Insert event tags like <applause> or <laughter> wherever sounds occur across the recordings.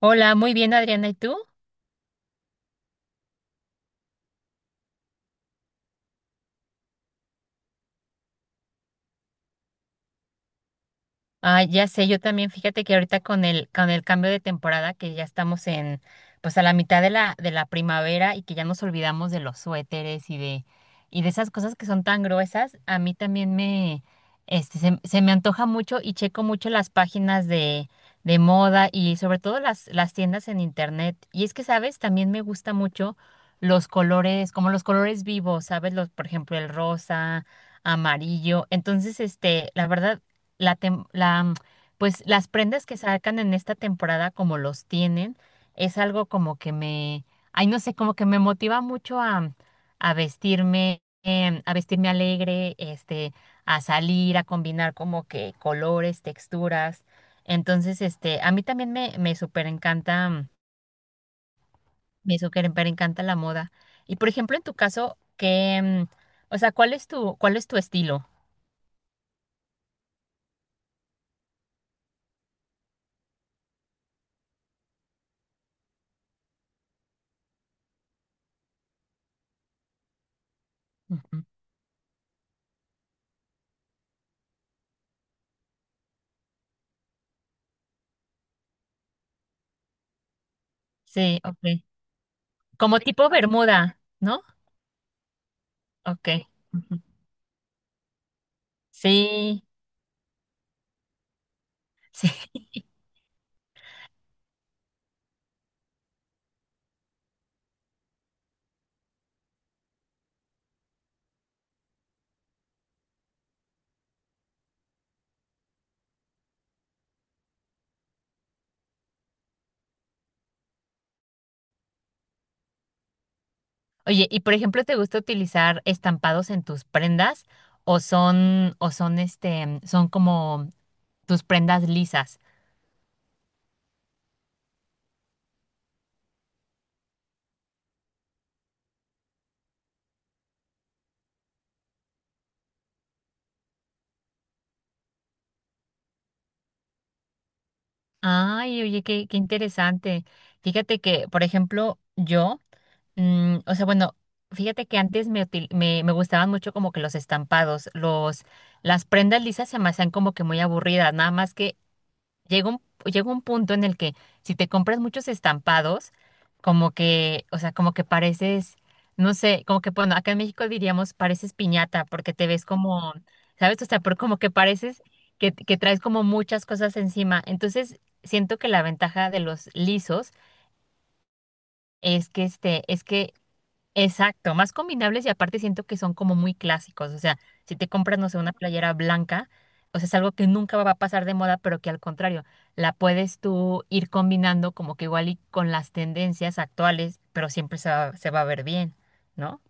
Hola, muy bien, Adriana, ¿y tú? Ah, ya sé, yo también, fíjate que ahorita con el cambio de temporada, que ya estamos en, pues a la mitad de la primavera y que ya nos olvidamos de los suéteres y de esas cosas que son tan gruesas, a mí también se me antoja mucho y checo mucho las páginas de moda y sobre todo las tiendas en internet. Y es que, ¿sabes? También me gusta mucho los colores, como los colores vivos, ¿sabes? Por ejemplo, el rosa amarillo. Entonces, la verdad, la, tem- la, mm, pues las prendas que sacan en esta temporada como los tienen, es algo como que ay, no sé, como que me motiva mucho a vestirme, a vestirme alegre, a salir, a combinar como que colores, texturas. Entonces, a mí también me súper encanta, me súper encanta la moda. Y por ejemplo, en tu caso, o sea, ¿cuál es tu estilo? Ujú. Sí, ok. Como tipo bermuda, ¿no? Ok. Ujú. Sí, sí. <laughs> Oye, y por ejemplo, ¿te gusta utilizar estampados en tus prendas o son como tus prendas lisas? Ay, oye, qué interesante. Fíjate que, por ejemplo, o sea, bueno, fíjate que antes me gustaban mucho como que los estampados, las prendas lisas se me hacían como que muy aburridas, nada más que llega un punto en el que si te compras muchos estampados, como que, o sea, como que pareces, no sé, como que, bueno, acá en México diríamos pareces piñata, porque te ves como, ¿sabes? O sea, pero como que pareces que traes como muchas cosas encima. Entonces, siento que la ventaja de los lisos es que este, es que Exacto, más combinables y aparte siento que son como muy clásicos. O sea, si te compras, no sé, una playera blanca, o sea, es algo que nunca va a pasar de moda, pero que al contrario, la puedes tú ir combinando como que igual y con las tendencias actuales, pero siempre se va a ver bien, ¿no?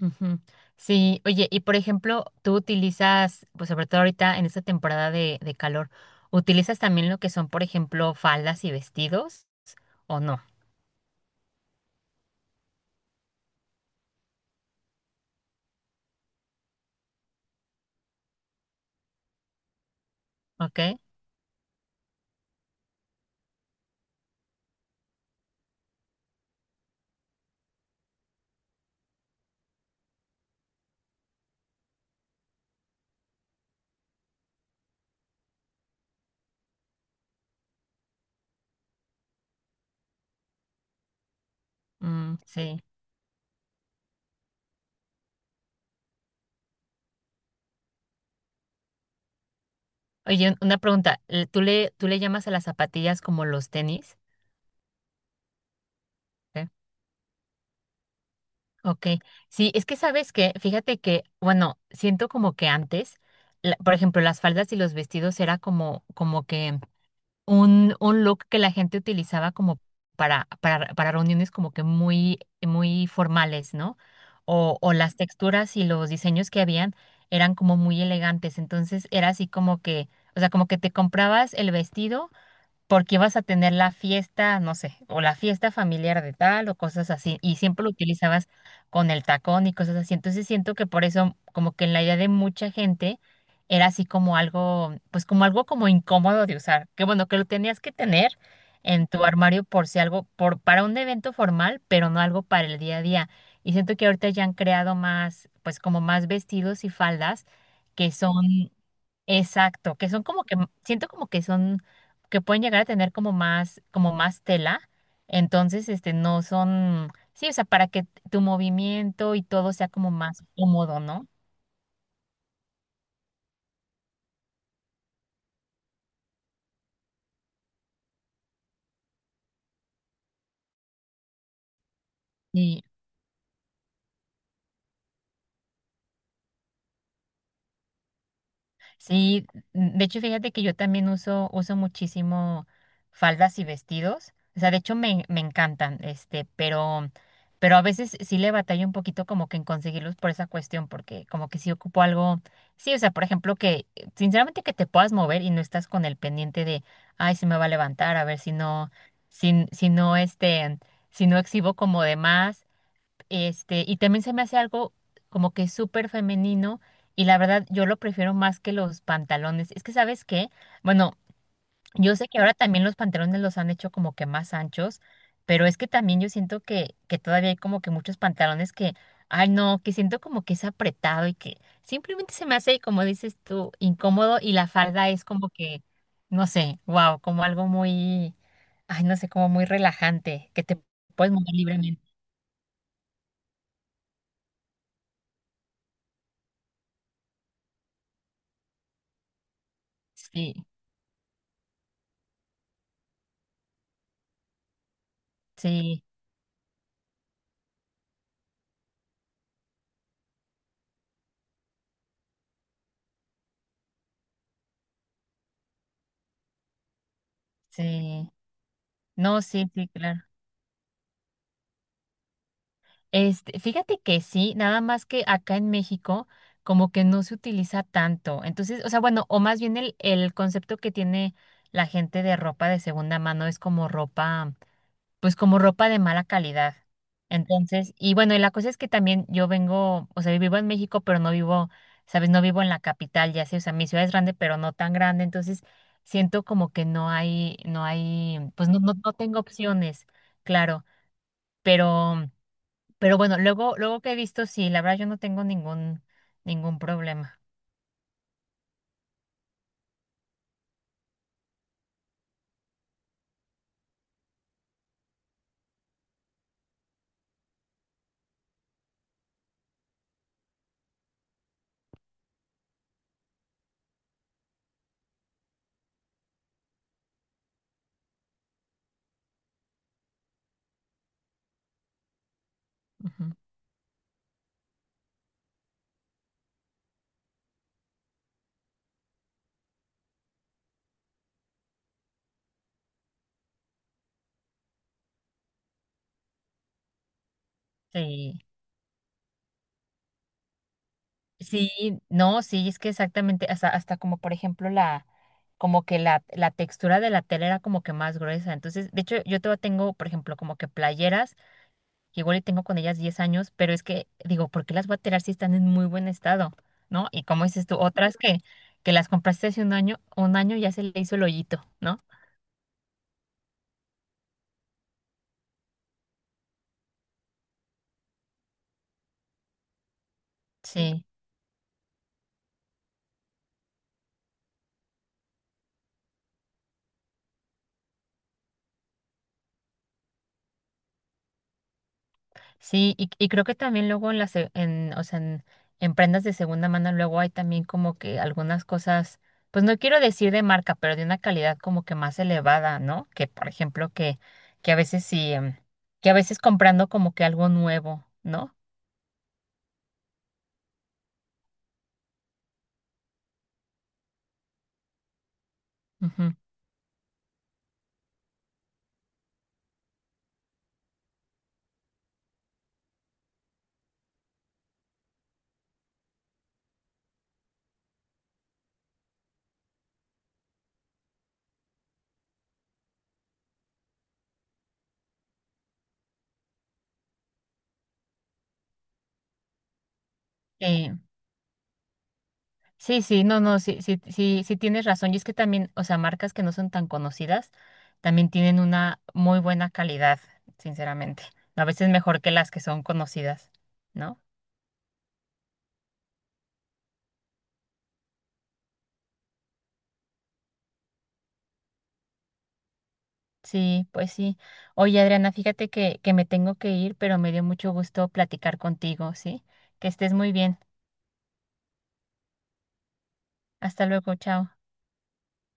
Ujú. Sí, oye, y por ejemplo, tú utilizas, pues sobre todo ahorita en esta temporada de calor, ¿utilizas también lo que son, por ejemplo, faldas y vestidos o no? ¿Ok? Mm, sí. Oye, una pregunta. ¿Tú le llamas a las zapatillas como los tenis? ¿Eh? Ok. Sí, es que sabes que, fíjate que, bueno, siento como que antes, por ejemplo, las faldas y los vestidos era como, como que un look que la gente utilizaba como para reuniones como que muy, muy formales, ¿no? O las texturas y los diseños que habían eran como muy elegantes. Entonces era así como que, o sea, como que te comprabas el vestido porque vas a tener la fiesta, no sé, o la fiesta familiar de tal o cosas así, y siempre lo utilizabas con el tacón y cosas así. Entonces siento que por eso, como que en la idea de mucha gente, era así como algo, pues como algo como incómodo de usar, que bueno, que lo tenías que tener en tu armario por si algo, por, para un evento formal, pero no algo para el día a día. Y siento que ahorita ya han creado más, pues como más vestidos y faldas que son Exacto, que son como que, siento como que son, que pueden llegar a tener como más, tela, entonces, no son, sí, o sea, para que tu movimiento y todo sea como más cómodo, ¿no? Sí. Sí, de hecho, fíjate que yo también uso muchísimo faldas y vestidos. O sea, de hecho me encantan, pero a veces sí le batallo un poquito como que en conseguirlos por esa cuestión, porque como que sí ocupo algo. Sí, o sea, por ejemplo, que sinceramente que te puedas mover y no estás con el pendiente de, ay, se me va a levantar, a ver si no, si, si no, este, si no exhibo como de más y también se me hace algo como que súper femenino y la verdad yo lo prefiero más que los pantalones. Es que, ¿sabes qué? Bueno, yo sé que ahora también los pantalones los han hecho como que más anchos, pero es que también yo siento que todavía hay como que muchos pantalones que, ay no, que siento como que es apretado y que simplemente se me hace, como dices tú, incómodo y la falda es como que, no sé, wow, como algo muy, ay no sé, como muy relajante, que te puedes mover libremente. Sí, sí. Sí, no, sí, sí, claro. Fíjate que sí, nada más que acá en México como que no se utiliza tanto. Entonces, o sea, bueno, o más bien el concepto que tiene la gente de ropa de segunda mano es como ropa, pues como ropa de mala calidad. Entonces, y bueno, y la cosa es que también yo vengo, o sea, vivo en México, pero no vivo, sabes, no vivo en la capital, ya sé, o sea, mi ciudad es grande, pero no tan grande. Entonces, siento como que no hay, pues no tengo opciones, claro. Pero, pero bueno, luego que he visto, sí, la verdad yo no tengo ningún problema. Ujú. Sí, sí, no, sí, es que exactamente, hasta como por ejemplo como que la textura de la tela era como que más gruesa. Entonces, de hecho, yo todavía tengo, por ejemplo, como que playeras, que igual y tengo con ellas 10 años, pero es que digo, ¿por qué las voy a tirar si están en muy buen estado? ¿No? Y como dices tú, otras que las compraste hace un año ya se le hizo el hoyito, ¿no? Sí. Sí, y creo que también luego en las, en, o sea, en prendas de segunda mano luego hay también como que algunas cosas, pues no quiero decir de marca, pero de una calidad como que más elevada, ¿no? Que por ejemplo que a veces sí, que a veces comprando como que algo nuevo, ¿no? Ujú. Eh, sí, sí, no, no, sí, sí, sí, sí tienes razón. Y es que también, o sea, marcas que no son tan conocidas también tienen una muy buena calidad, sinceramente. A veces mejor que las que son conocidas, ¿no? Sí, pues sí. Oye, Adriana, fíjate que me tengo que ir, pero me dio mucho gusto platicar contigo, ¿sí? Que estés muy bien. Hasta luego, chao.